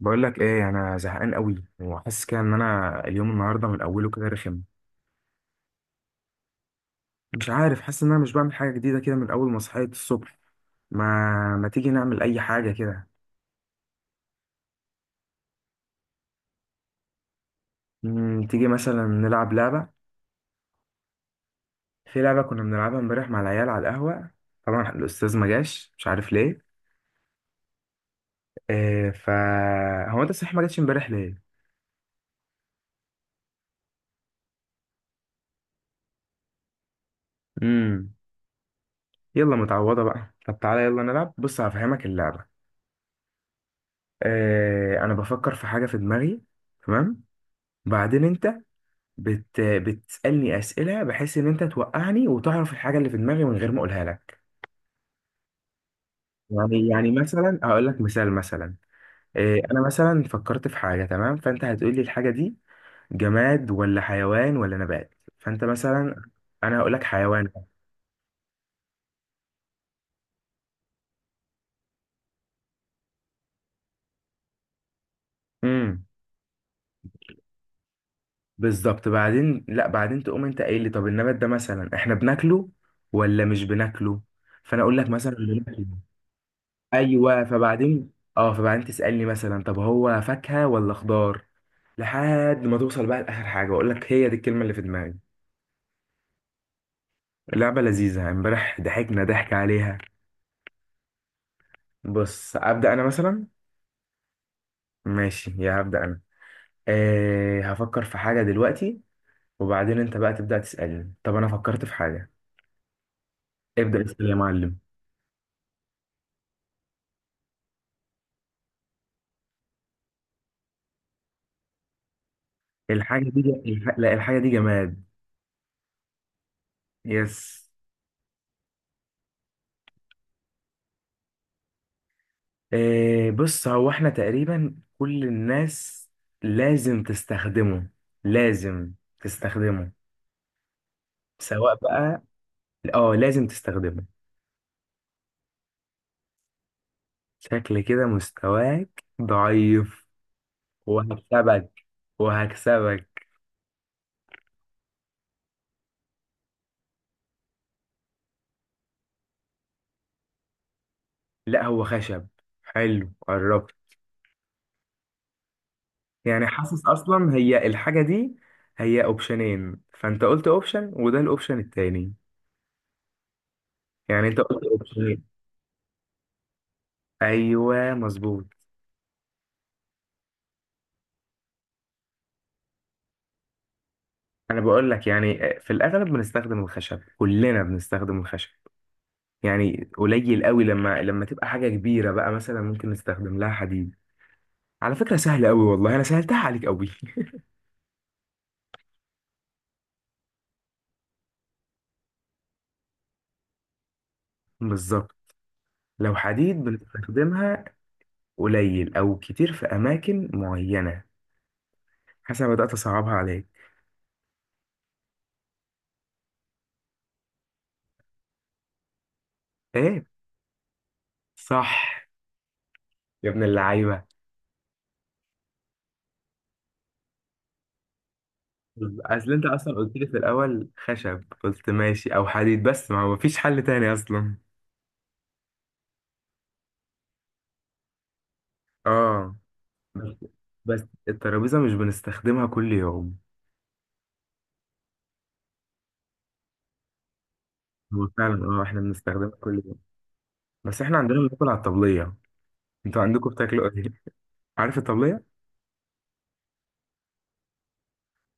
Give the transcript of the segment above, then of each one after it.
بقول لك ايه، انا زهقان قوي وحاسس كده ان انا اليوم النهارده من اوله كده رخم. مش عارف، حاسس ان انا مش بعمل حاجه جديده كده من اول ما صحيت الصبح. ما ما تيجي نعمل اي حاجه كده؟ تيجي مثلا نلعب لعبه. في لعبه كنا بنلعبها امبارح مع العيال على القهوه. طبعا الاستاذ ما جاش، مش عارف ليه. إيه ف هو انت صحيح ما جاتش امبارح ليه؟ امم يلا، متعوضه بقى. طب تعالى يلا نلعب، بص هفهمك اللعبه. إيه، انا بفكر في حاجه في دماغي، تمام؟ بعدين انت بتسألني أسئلة بحيث إن أنت توقعني وتعرف الحاجة اللي في دماغي من غير ما أقولها لك. يعني مثلا أقول لك مثال. مثلا إيه، أنا مثلا فكرت في حاجة، تمام؟ فأنت هتقول لي الحاجة دي جماد ولا حيوان ولا نبات. فأنت مثلا، أنا هقول لك حيوان. امم بالظبط. بعدين لا، بعدين تقوم أنت قايل لي طب النبات ده مثلا إحنا بناكله ولا مش بناكله، فأنا أقول لك مثلا بناكله. ايوه، فبعدين تسالني مثلا طب هو فاكهه ولا خضار، لحد ما توصل بقى لاخر حاجه واقول لك هي دي الكلمه اللي في دماغي. اللعبه لذيذه، امبارح ضحكنا ضحك عليها. بص ابدا انا مثلا، ماشي يا هبدا انا، هفكر في حاجه دلوقتي، وبعدين انت بقى تبدا تسالني طب انا فكرت في حاجه. ابدا اسال يا معلم. الحاجه دي ج... الح... لا، الحاجه دي جماد. يس. إيه بص، هو احنا تقريبا كل الناس لازم تستخدمه، لازم تستخدمه، سواء بقى. اه لازم تستخدمه. شكل كده مستواك ضعيف، وهكسبك وهكسبك. لا هو خشب، حلو قربت. يعني حاسس اصلا هي الحاجة دي هي اوبشنين، فانت قلت اوبشن وده الاوبشن التاني، يعني انت قلت اوبشنين. ايوه مظبوط. انا بقول لك يعني في الاغلب بنستخدم الخشب، كلنا بنستخدم الخشب. يعني قليل قوي، لما تبقى حاجه كبيره بقى مثلا ممكن نستخدم لها حديد. على فكره سهله قوي، والله انا سهلتها عليك قوي. بالظبط. لو حديد بنستخدمها قليل او كتير في اماكن معينه. حسنا، بدات اصعبها عليك. ايه؟ صح. يا ابن اللعيبه. اصل انت اصلا قلت لي في الاول خشب، قلت ماشي او حديد، بس ما هو مفيش حل تاني اصلا. اه. بس بس الترابيزة مش بنستخدمها كل يوم. هو فعلا احنا بنستخدمها كل يوم، بس احنا عندنا بناكل على الطبلية. انتوا عندكم بتاكلوا ايه؟ عارف الطبلية؟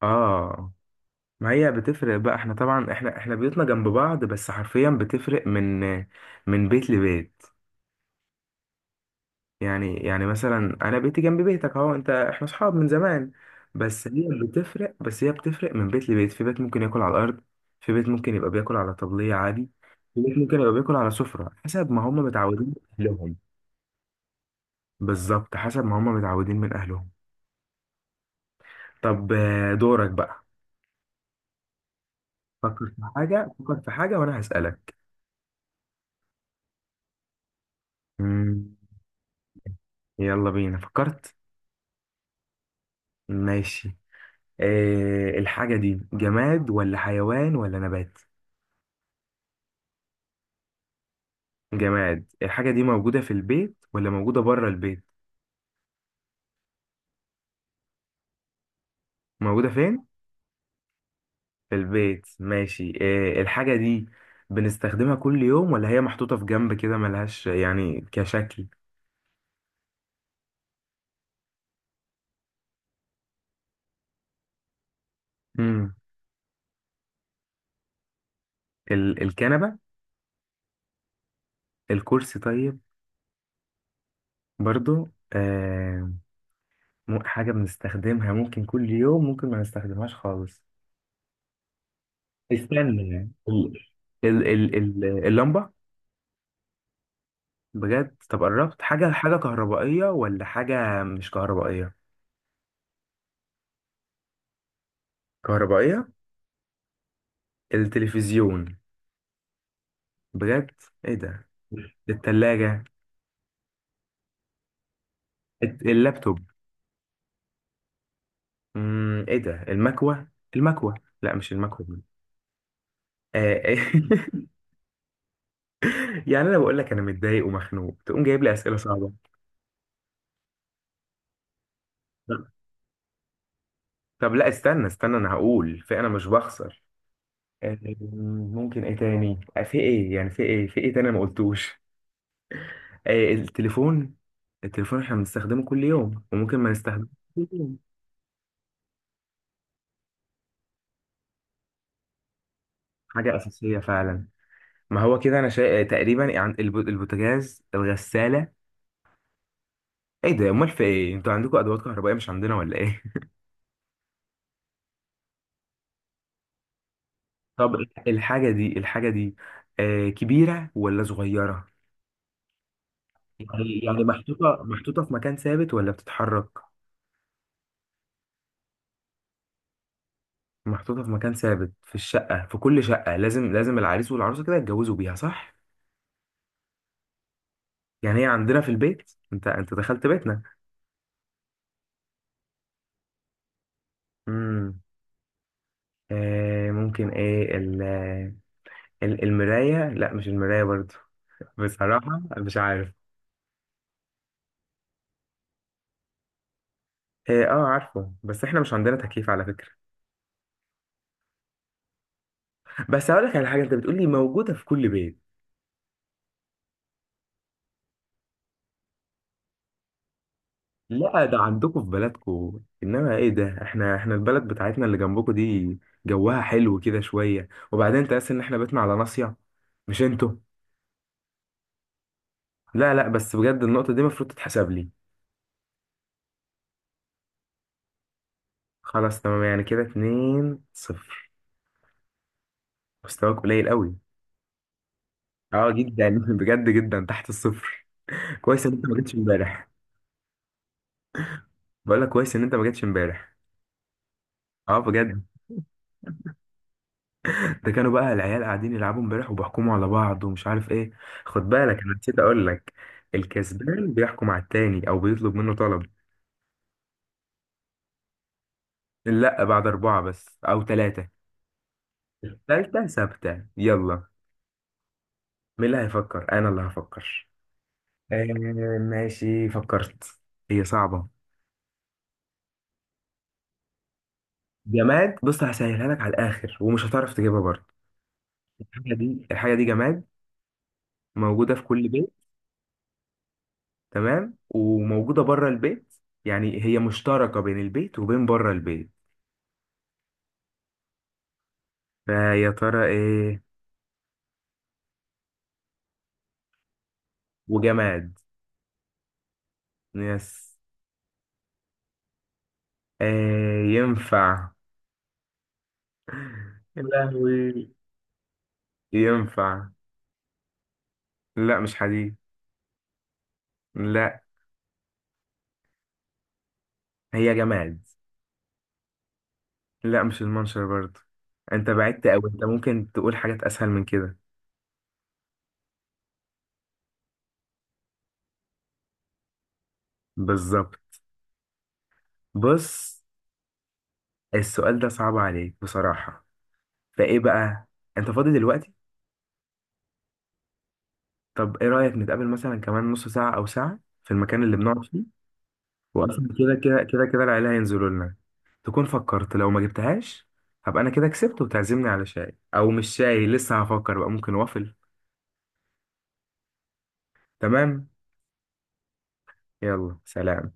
اه، ما هي بتفرق بقى، احنا طبعا احنا بيوتنا جنب بعض بس حرفيا بتفرق من بيت لبيت. يعني مثلا انا بيتي جنب بيتك اهو، انت احنا اصحاب من زمان. بس هي بتفرق من بيت لبيت. في بيت ممكن ياكل على الارض، في بيت ممكن يبقى بياكل على طبلية عادي، في بيت ممكن يبقى بياكل على سفرة، حسب ما هم متعودين من اهلهم. بالظبط، حسب ما هم متعودين من اهلهم. طب دورك بقى. فكر في حاجة، فكر في حاجة، وانا هسألك. مم، يلا بينا فكرت. ماشي. إيه الحاجة دي، جماد ولا حيوان ولا نبات؟ جماد. الحاجة دي موجودة في البيت ولا موجودة بره البيت؟ موجودة فين؟ في البيت. ماشي. إيه الحاجة دي؟ بنستخدمها كل يوم ولا هي محطوطة في جنب كده ملهاش يعني كشكل؟ مم. الكنبة؟ الكرسي طيب؟ برضو آه. حاجة بنستخدمها ممكن كل يوم، ممكن ما نستخدمهاش خالص. استنى يعني، ال ال ال ال اللمبة؟ بجد؟ طب قربت. حاجة كهربائية ولا حاجة مش كهربائية؟ كهربائية. التلفزيون؟ بجد؟ ايه ده؟ التلاجة؟ اللابتوب؟ ايه ده، المكوة؟ المكوة لا، مش المكوة دي. آه. يعني انا بقول لك انا متضايق ومخنوق، تقوم جايب لي اسئله صعبه. لا. طب لا، استنى استنى، انا هقول، في انا مش بخسر. آه، ممكن ايه تاني؟ في ايه، يعني في ايه تاني أنا ما قلتوش؟ آه التليفون! التليفون احنا بنستخدمه كل يوم وممكن ما نستخدمه كل يوم. حاجه اساسيه فعلا. ما هو كده، انا تقريبا يعني البوتاجاز، الغساله. ايه ده امال، في ايه، انتوا عندكم ادوات كهربائيه مش عندنا ولا ايه؟ طب، الحاجه دي كبيره ولا صغيره؟ يعني محطوطه في مكان ثابت ولا بتتحرك؟ محطوطه في مكان ثابت في الشقه، في كل شقه لازم العريس والعروسه كده يتجوزوا بيها صح؟ يعني هي عندنا في البيت، انت دخلت بيتنا. امم ممكن ايه المرايه؟ لا مش المرايه برضو. بصراحه مش عارف. اه، آه، عارفه بس احنا مش عندنا تكييف على فكره. بس هقول لك على حاجه، انت بتقولي موجوده في كل بيت. لا، ده عندكم في بلدكم، انما ايه ده، احنا البلد بتاعتنا اللي جنبكم دي جوها حلو كده شويه، وبعدين انت لسه، ان احنا بيتنا على ناصيه مش انتوا. لا لا، بس بجد النقطه دي المفروض تتحسب لي. خلاص تمام، يعني كده 2-0. مستواك قليل قوي. اه جدا. بجد جدا تحت الصفر. كويس ان انت ما جيتش امبارح. بقول لك كويس ان انت ما جيتش امبارح. اه بجد. ده كانوا بقى العيال قاعدين يلعبوا امبارح وبيحكموا على بعض ومش عارف ايه. خد بالك انا نسيت اقول لك، الكسبان بيحكم على التاني او بيطلب منه طلب. لا، بعد 4 بس او 3. الثالثة ثابتة، يلا. مين اللي هيفكر؟ انا اللي هفكر. آه ماشي فكرت. هي صعبة. جماد. بص هسهلها لك على الاخر ومش هتعرف تجيبها برضه. الحاجة دي جماد، موجودة في كل بيت. تمام، وموجودة بره البيت، يعني هي مشتركة بين البيت وبين بره البيت، فيا ترى ايه؟ وجماد. يس. آه ينفع. يا لهوي ينفع. لا مش حديد. لا، هي جماد. لا مش المنشر برضه. انت بعدت اوي، انت ممكن تقول حاجات اسهل من كده. بالظبط. بص، السؤال ده صعب عليك بصراحة، فايه بقى؟ انت فاضي دلوقتي؟ طب ايه رأيك نتقابل مثلا كمان نص ساعة او ساعة في المكان اللي بنقعد فيه؟ واصلا كده كده كده كده العيله هينزلوا لنا. تكون فكرت لو ما جبتهاش، هبقى انا كده كسبت، وتعزمني على شاي او مش شاي، لسه هفكر بقى، ممكن وافل. تمام. يلا سلام.